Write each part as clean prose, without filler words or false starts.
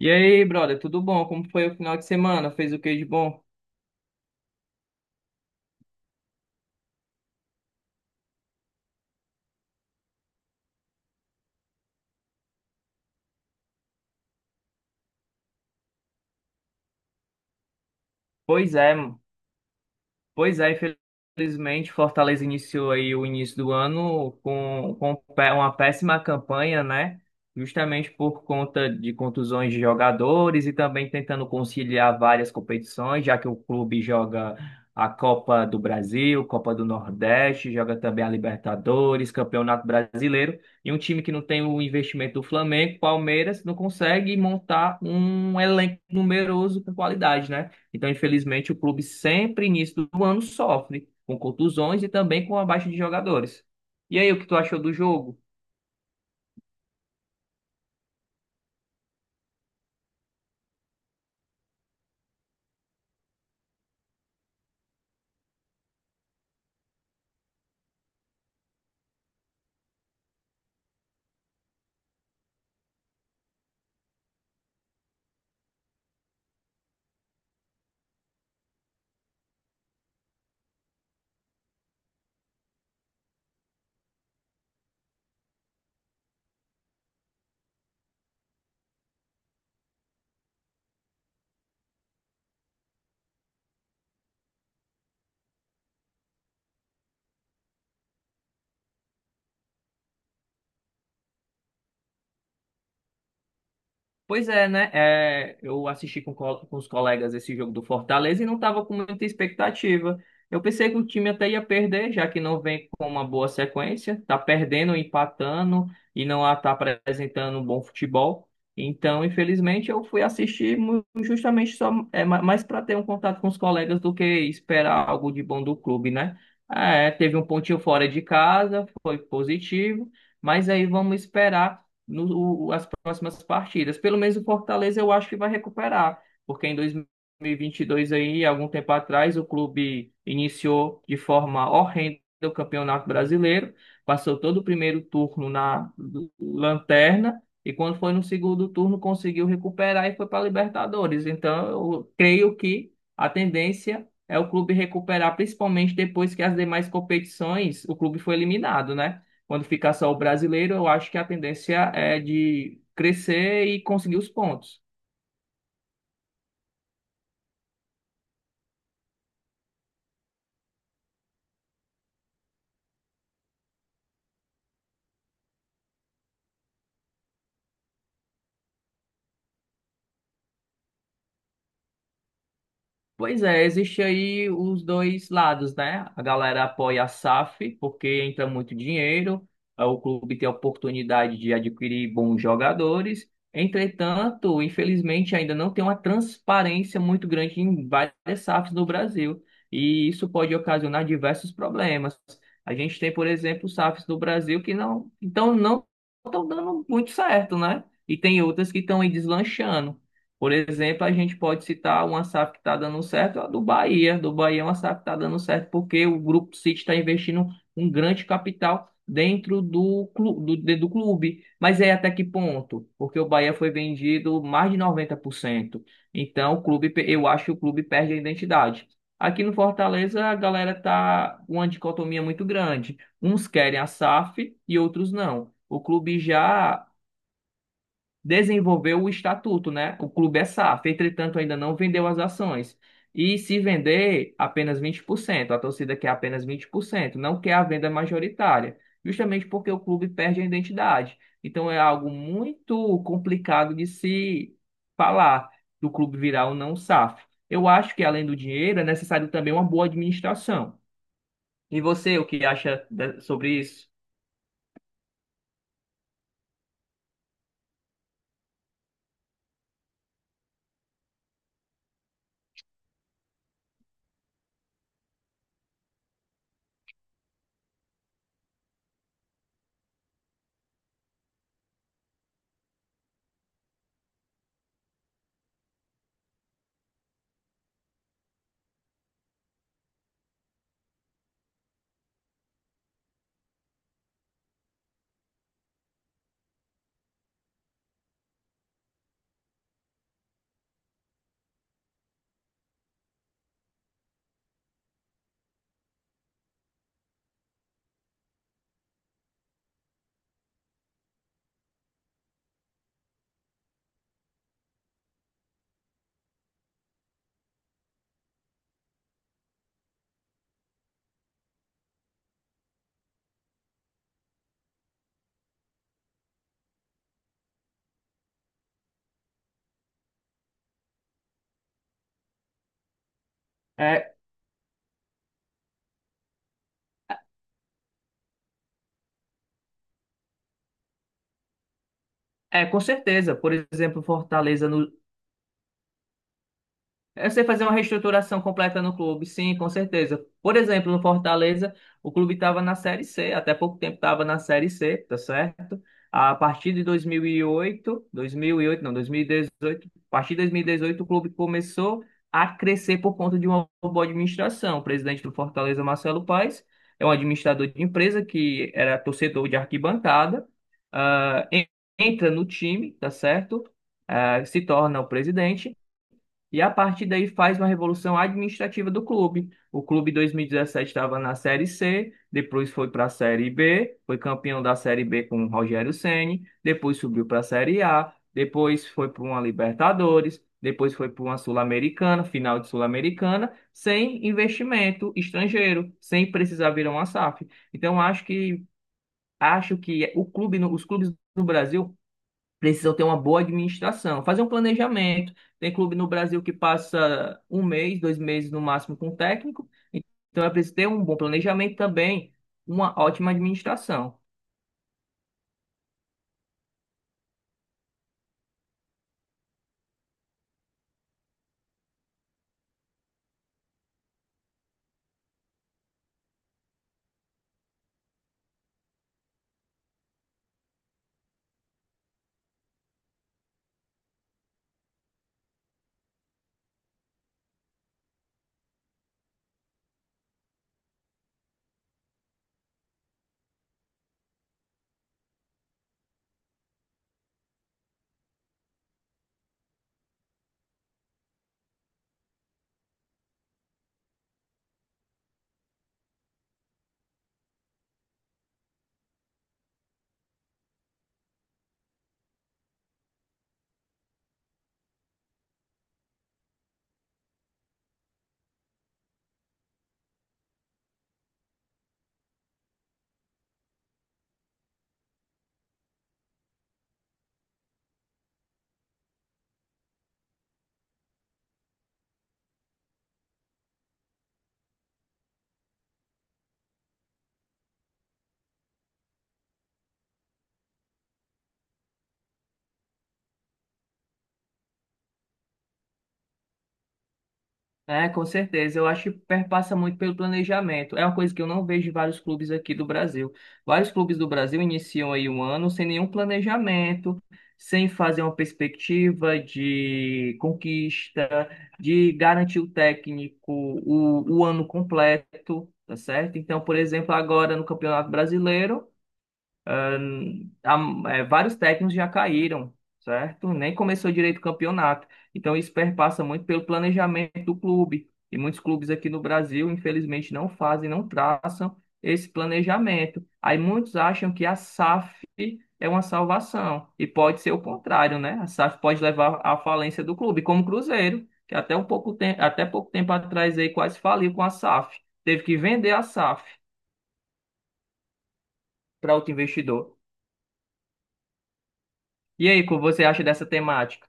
E aí, brother, tudo bom? Como foi o final de semana? Fez o que de bom? Pois é, Pois é, infelizmente, Fortaleza iniciou aí o início do ano com uma péssima campanha, né? Justamente por conta de contusões de jogadores e também tentando conciliar várias competições, já que o clube joga a Copa do Brasil, Copa do Nordeste, joga também a Libertadores, Campeonato Brasileiro, e um time que não tem o investimento do Flamengo, Palmeiras, não consegue montar um elenco numeroso com qualidade, né? Então, infelizmente, o clube sempre início do ano sofre com contusões e também com a baixa de jogadores. E aí, o que tu achou do jogo? Pois é, né? É, eu assisti com os colegas esse jogo do Fortaleza e não estava com muita expectativa. Eu pensei que o time até ia perder, já que não vem com uma boa sequência, tá perdendo, empatando e não está apresentando um bom futebol. Então, infelizmente, eu fui assistir mu- justamente só é, ma- mais para ter um contato com os colegas do que esperar algo de bom do clube, né? É, teve um pontinho fora de casa, foi positivo, mas aí vamos esperar no, o- as próximas partidas. Pelo menos o Fortaleza eu acho que vai recuperar, porque em 2022 aí, algum tempo atrás, o clube iniciou de forma horrenda o Campeonato Brasileiro, passou todo o primeiro turno na lanterna e quando foi no segundo turno conseguiu recuperar e foi para a Libertadores. Então, eu creio que a tendência é o clube recuperar, principalmente depois que as demais competições o clube foi eliminado, né? Quando ficar só o brasileiro, eu acho que a tendência é de crescer e conseguir os pontos. Pois é, existe aí os dois lados, né? A galera apoia a SAF porque entra muito dinheiro, o clube tem a oportunidade de adquirir bons jogadores. Entretanto, infelizmente, ainda não tem uma transparência muito grande em várias SAFs no Brasil, e isso pode ocasionar diversos problemas. A gente tem, por exemplo, SAFs no Brasil que não, então não estão dando muito certo, né? E tem outras que estão aí deslanchando. Por exemplo, a gente pode citar uma SAF que está dando certo, é a do Bahia. Do Bahia é uma SAF que está dando certo porque o Grupo City está investindo um grande capital dentro do clube. Mas é até que ponto? Porque o Bahia foi vendido mais de 90%. Então, eu acho que o clube perde a identidade. Aqui no Fortaleza, a galera tá uma dicotomia muito grande. Uns querem a SAF e outros não. O clube já desenvolveu o estatuto, né? O clube é SAF, entretanto, ainda não vendeu as ações. E se vender, apenas 20%, a torcida quer apenas 20%, não quer a venda majoritária, justamente porque o clube perde a identidade. Então é algo muito complicado de se falar do clube virar ou não SAF. Eu acho que além do dinheiro é necessário também uma boa administração. E você, o que acha sobre isso? É, com certeza. Por exemplo, Fortaleza no, é você fazer uma reestruturação completa no clube, sim, com certeza. Por exemplo, no Fortaleza, o clube estava na Série C, até pouco tempo estava na Série C, tá certo? A partir de 2008, 2008, não, 2018, a partir de 2018 o clube começou a crescer por conta de uma boa administração. O presidente do Fortaleza, Marcelo Paes, é um administrador de empresa que era torcedor de arquibancada, ah, en- entra no time, tá certo? Se torna o presidente e a partir daí faz uma revolução administrativa do clube. O clube em 2017 estava na Série C, depois foi para a Série B, foi campeão da Série B com o Rogério Ceni, depois subiu para a Série A, depois foi para uma Libertadores, depois foi para uma Sul-Americana, final de Sul-Americana, sem investimento estrangeiro, sem precisar virar uma SAF. Então acho que o clube, no- os clubes no Brasil precisam ter uma boa administração, fazer um planejamento. Tem clube no Brasil que passa um mês, dois meses no máximo com o técnico, então é preciso ter um bom planejamento também, uma ótima administração. É, com certeza. Eu acho que perpassa muito pelo planejamento. É uma coisa que eu não vejo em vários clubes aqui do Brasil. Vários clubes do Brasil iniciam aí um ano sem nenhum planejamento, sem fazer uma perspectiva de conquista, de garantir o técnico o ano completo, tá certo? Então, por exemplo, agora no Campeonato Brasileiro há- vários técnicos já caíram, certo? Nem começou direito o campeonato. Então isso perpassa muito pelo planejamento do clube. E muitos clubes aqui no Brasil, infelizmente, não fazem, não traçam esse planejamento. Aí muitos acham que a SAF é uma salvação. E pode ser o contrário, né? A SAF pode levar à falência do clube, como o Cruzeiro, que até pouco tempo atrás aí quase faliu com a SAF. Teve que vender a SAF para outro investidor. E aí, o que você acha dessa temática?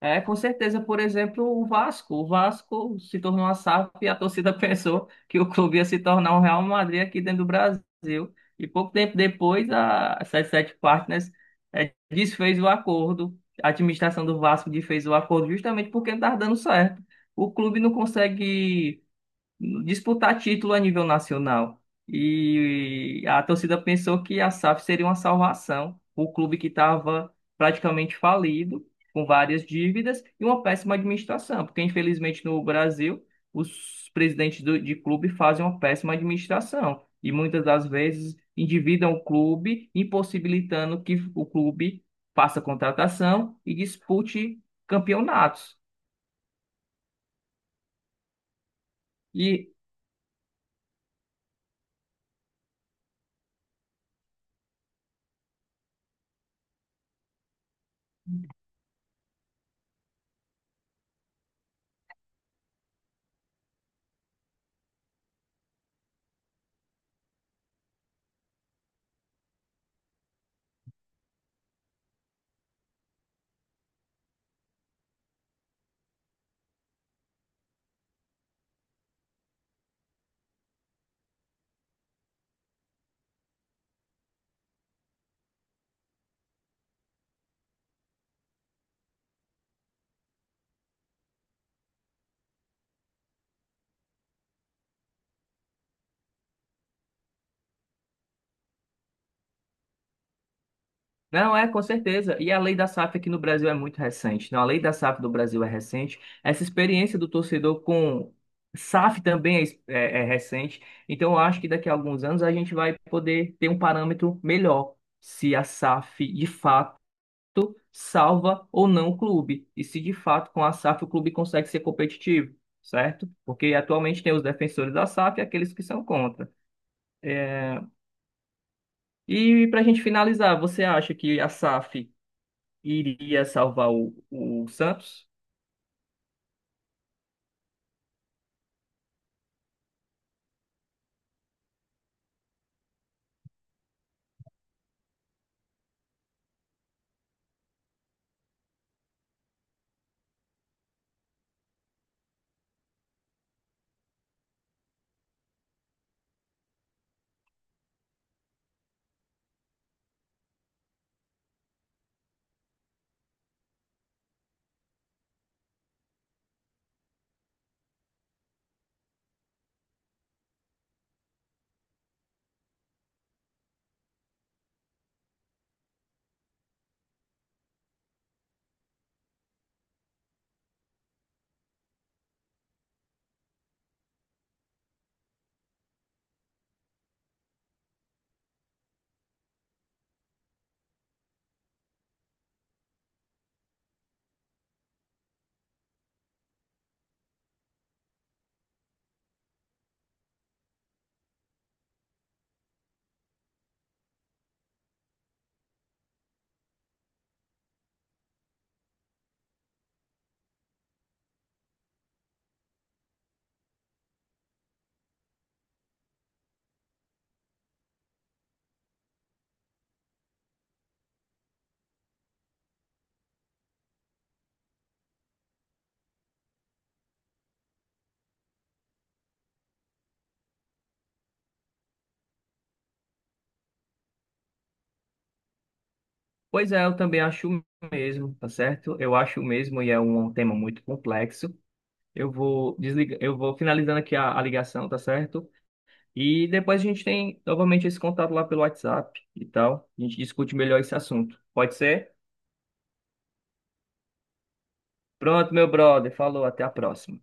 É, com certeza, por exemplo, o Vasco. O Vasco se tornou a SAF e a torcida pensou que o clube ia se tornar um Real Madrid aqui dentro do Brasil. E pouco tempo depois, a 77 Partners desfez o acordo. A administração do Vasco desfez o acordo justamente porque não estava dando certo. O clube não consegue disputar título a nível nacional. E a torcida pensou que a SAF seria uma salvação, o clube que estava praticamente falido, com várias dívidas e uma péssima administração, porque infelizmente no Brasil os presidentes de clube fazem uma péssima administração e muitas das vezes endividam o clube, impossibilitando que o clube faça contratação e dispute campeonatos. E Não, é, com certeza. E a lei da SAF aqui no Brasil é muito recente. Não, a lei da SAF do Brasil é recente. Essa experiência do torcedor com SAF também é recente. Então, eu acho que daqui a alguns anos a gente vai poder ter um parâmetro melhor se a SAF de fato salva ou não o clube. E se de fato com a SAF o clube consegue ser competitivo, certo? Porque atualmente tem os defensores da SAF e aqueles que são contra. É, E para a gente finalizar, você acha que a SAF iria salvar o Santos? Pois é, eu também acho o mesmo, tá certo? Eu acho o mesmo e é um tema muito complexo. Eu vou desligar, eu vou finalizando aqui a ligação, tá certo? E depois a gente tem novamente esse contato lá pelo WhatsApp e tal. A gente discute melhor esse assunto. Pode ser? Pronto, meu brother. Falou, até a próxima.